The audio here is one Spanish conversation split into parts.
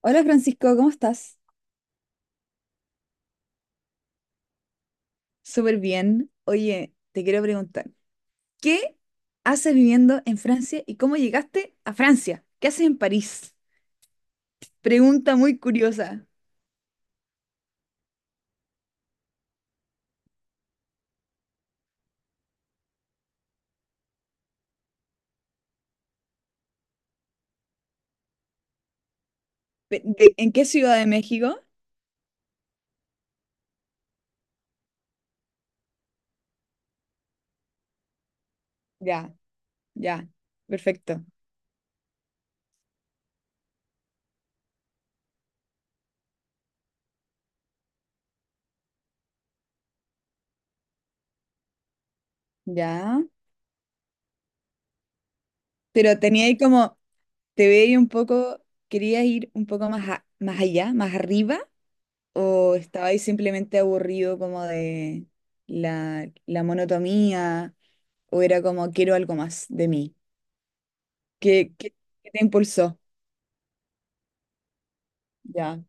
Hola Francisco, ¿cómo estás? Súper bien. Oye, te quiero preguntar, ¿qué haces viviendo en Francia y cómo llegaste a Francia? ¿Qué haces en París? Pregunta muy curiosa. ¿En qué ciudad de México? Ya, ya, perfecto. Ya. Pero tenía ahí como, te veía un poco, ¿querías ir un poco más, más allá, más arriba? ¿O estabas ahí simplemente aburrido como de la monotonía? ¿O era como, quiero algo más de mí? ¿Qué, qué- qué te impulsó? Ya.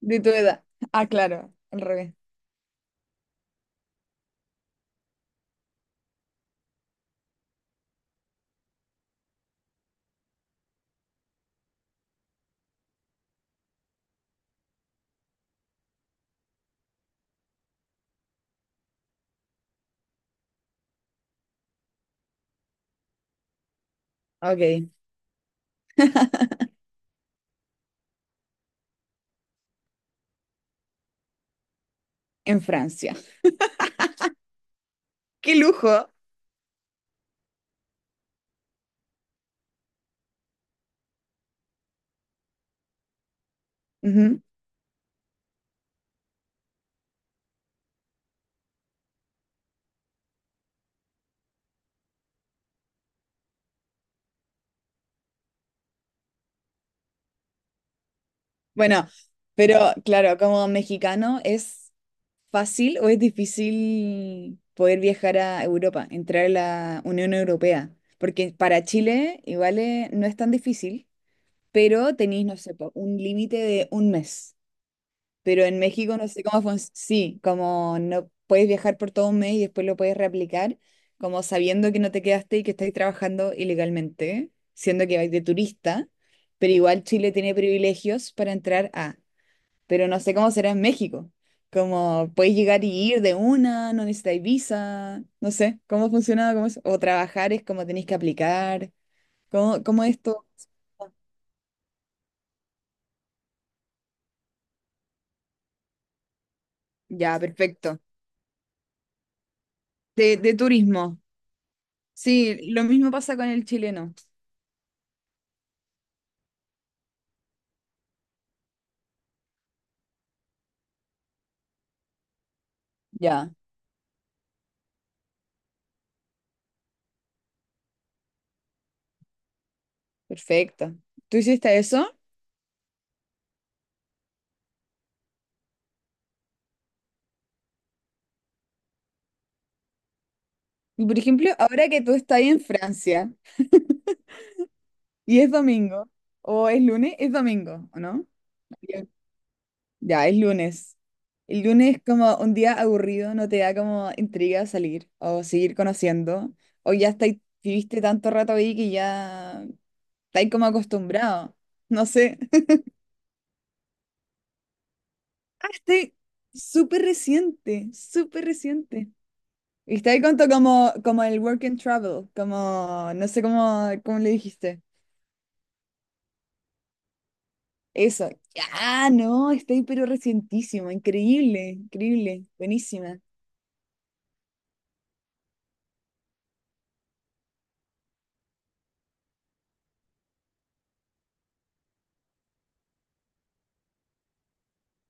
De tu edad. Ah, claro, al revés. Ok, en Francia. ¡Qué lujo! Ujú. Bueno, pero claro, como mexicano, ¿es fácil o es difícil poder viajar a Europa, entrar a la Unión Europea? Porque para Chile igual no es tan difícil, pero tenéis, no sé, po, un límite de un mes. Pero en México no sé cómo funciona. Sí, como no puedes viajar por todo un mes y después lo puedes reaplicar, como sabiendo que no te quedaste y que estás trabajando ilegalmente, siendo que vais de turista, pero igual Chile tiene privilegios para entrar a. Pero no sé cómo será en México. Como puedes llegar y ir de una, no necesitáis visa, no sé cómo funciona, o trabajar es como tenéis que aplicar, cómo esto. Ya, perfecto. De turismo. Sí, lo mismo pasa con el chileno. Ya, perfecto. ¿Tú hiciste eso? Y por ejemplo, ahora que tú estás ahí en Francia y es domingo, o es lunes, es domingo, ¿o no? Bien. Ya, es lunes. El lunes es como un día aburrido, no te da como intriga salir o seguir conociendo, o ya estáis, viviste tanto rato ahí que ya estáis como acostumbrado. No sé. Ah, estoy súper reciente, súper reciente. Y está ahí conto como el work and travel, como, no sé cómo le dijiste. Eso. Ah, no, está ahí pero recientísimo, increíble, increíble, buenísima.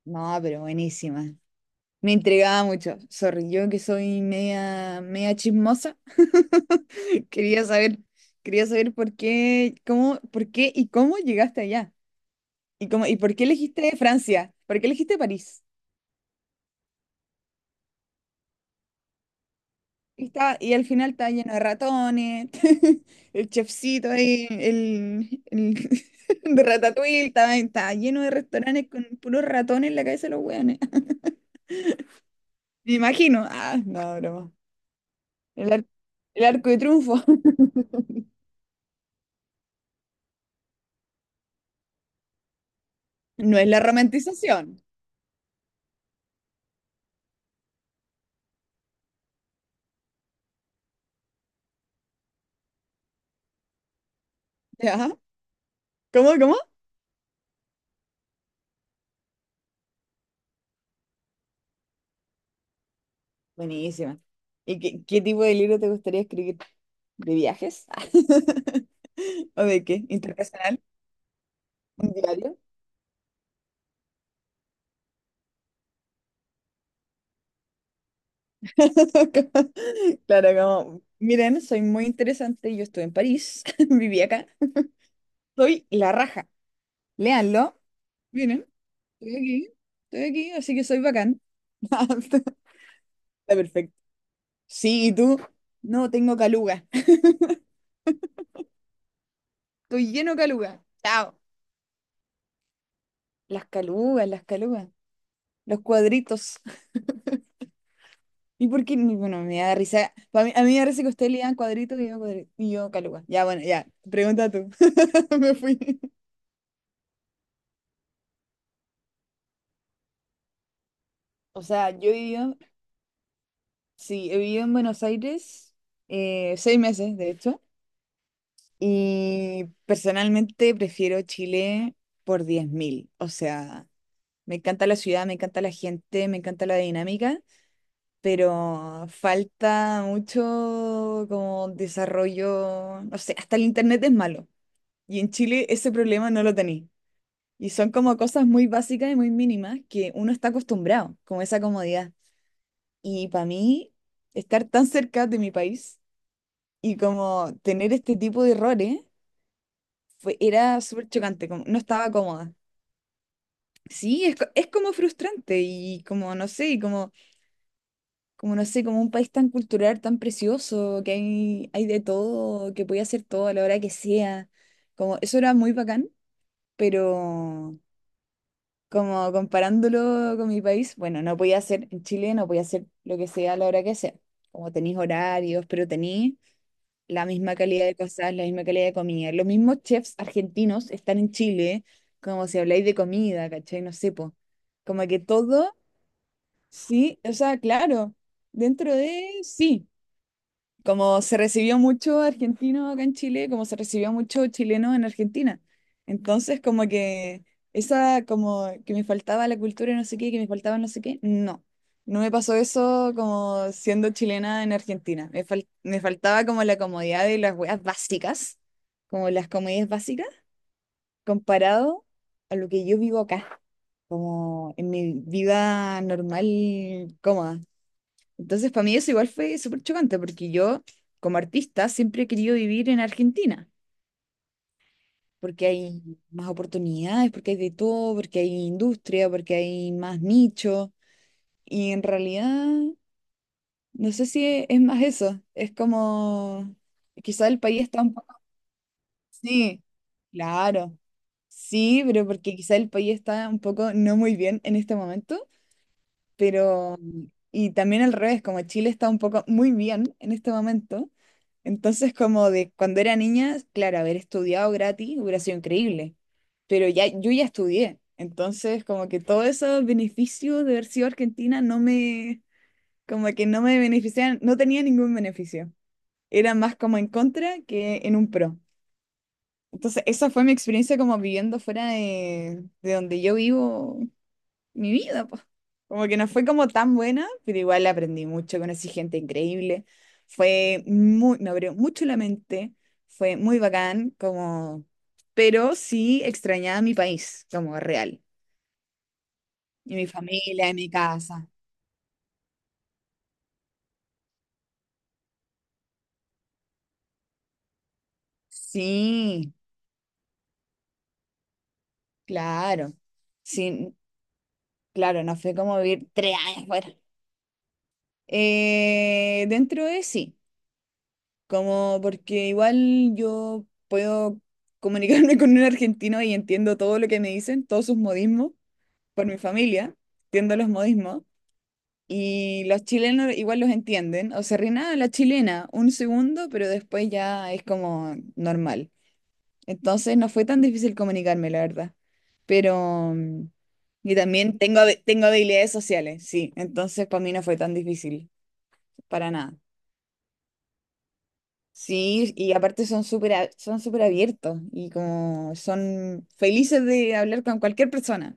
No, pero buenísima. Me intrigaba mucho. Sorry, yo que soy media, media chismosa. Quería saber, por qué, cómo, por qué y cómo llegaste allá. Y cómo, y por qué elegiste Francia, por qué elegiste París. Y al final está lleno de ratones, el chefcito ahí, el de Ratatouille, está lleno de restaurantes con puros ratones en la cabeza de los weones. Me imagino. Ah, no, broma. El, ar- el arco de triunfo. No es la romantización. ¿Ya? ¿Cómo? Buenísima. ¿Y qué tipo de libro te gustaría escribir? ¿De viajes? ¿O de qué? ¿Internacional? ¿Un diario? Claro, como, miren, soy muy interesante, yo estuve en París, viví acá, soy la raja, léanlo, miren, estoy aquí, estoy aquí, así que soy bacán. Está perfecto. Sí, ¿y tú? No, tengo caluga, estoy lleno de caluga, chao. Las calugas, los cuadritos. ¿Y por qué? Bueno, me da risa. A mí me da risa que ustedes lean cuadritos y y yo caluga. Ya, bueno, ya, pregunta tú, me fui. O sea, yo he vivido. Sí, he vivido en Buenos Aires 6 meses, de hecho, y personalmente prefiero Chile por 10.000. O sea, me encanta la ciudad, me encanta la gente, me encanta la dinámica, pero falta mucho como desarrollo, no sé, hasta el internet es malo. Y en Chile ese problema no lo tenéis. Y son como cosas muy básicas y muy mínimas que uno está acostumbrado, como esa comodidad. Y para mí, estar tan cerca de mi país y como tener este tipo de errores fue, era súper chocante, como, no estaba cómoda. Sí, es como frustrante y como, no sé, y como, no sé, como un país tan cultural, tan precioso, que hay de todo, que podía hacer todo a la hora que sea. Como, eso era muy bacán, pero como comparándolo con mi país, bueno, no podía hacer, en Chile no podía hacer lo que sea a la hora que sea. Como tenéis horarios, pero tenéis la misma calidad de cosas, la misma calidad de comida. Los mismos chefs argentinos están en Chile, como si habláis de comida, ¿cachai? No sé, po. Como que todo, sí, o sea, claro, dentro de, sí, como se recibió mucho argentino acá en Chile, como se recibió mucho chileno en Argentina. Entonces, como que esa, como que me faltaba la cultura y no sé qué, que me faltaba no sé qué, no. No me pasó eso como siendo chilena en Argentina. Me faltaba como la comodidad de las weas básicas, como las comodidades básicas, comparado a lo que yo vivo acá, como en mi vida normal, cómoda. Entonces, para mí eso igual fue súper chocante, porque yo, como artista, siempre he querido vivir en Argentina, porque hay más oportunidades, porque hay de todo, porque hay industria, porque hay más nicho. Y en realidad, no sé si e- es más eso, es como, quizá el país está un poco... Sí, claro, sí, pero porque quizá el país está un poco no muy bien en este momento. Pero, y también al revés, como Chile está un poco muy bien en este momento, entonces como de cuando era niña, claro, haber estudiado gratis hubiera sido increíble, pero ya yo ya estudié, entonces como que todos esos beneficios de haber sido argentina no me, como que no me beneficiaban, no tenía ningún beneficio, era más como en contra que en un pro. Entonces esa fue mi experiencia como viviendo fuera de, donde yo vivo mi vida, pues. Como que no fue como tan buena, pero igual aprendí mucho, conocí gente increíble. Fue muy, me abrió mucho la mente, fue muy bacán, como, pero sí extrañaba mi país, como real, y mi familia, y mi casa. Sí, claro. Sí, claro, no fue como vivir 3 años fuera. Dentro de sí. Como porque igual yo puedo comunicarme con un argentino y entiendo todo lo que me dicen, todos sus modismos, por mi familia, entiendo los modismos. Y los chilenos igual los entienden, o se ríen "Ah, la chilena un segundo, pero después ya es como normal. Entonces no fue tan difícil comunicarme, la verdad. Pero, y también tengo habilidades sociales, sí, entonces para mí no fue tan difícil, para nada. Sí, y aparte son súper abiertos y como son felices de hablar con cualquier persona.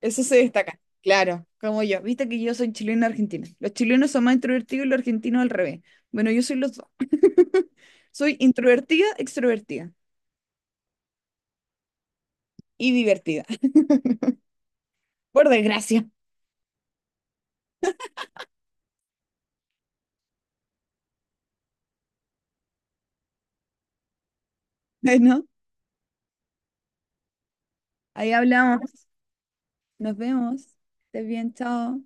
Eso se destaca. Claro, como yo. Viste que yo soy chilena argentina. Los chilenos son más introvertidos y los argentinos al revés. Bueno, yo soy los dos. Soy introvertida, extrovertida y divertida. Por desgracia. Bueno, ahí hablamos. Nos vemos. Estés bien, chao.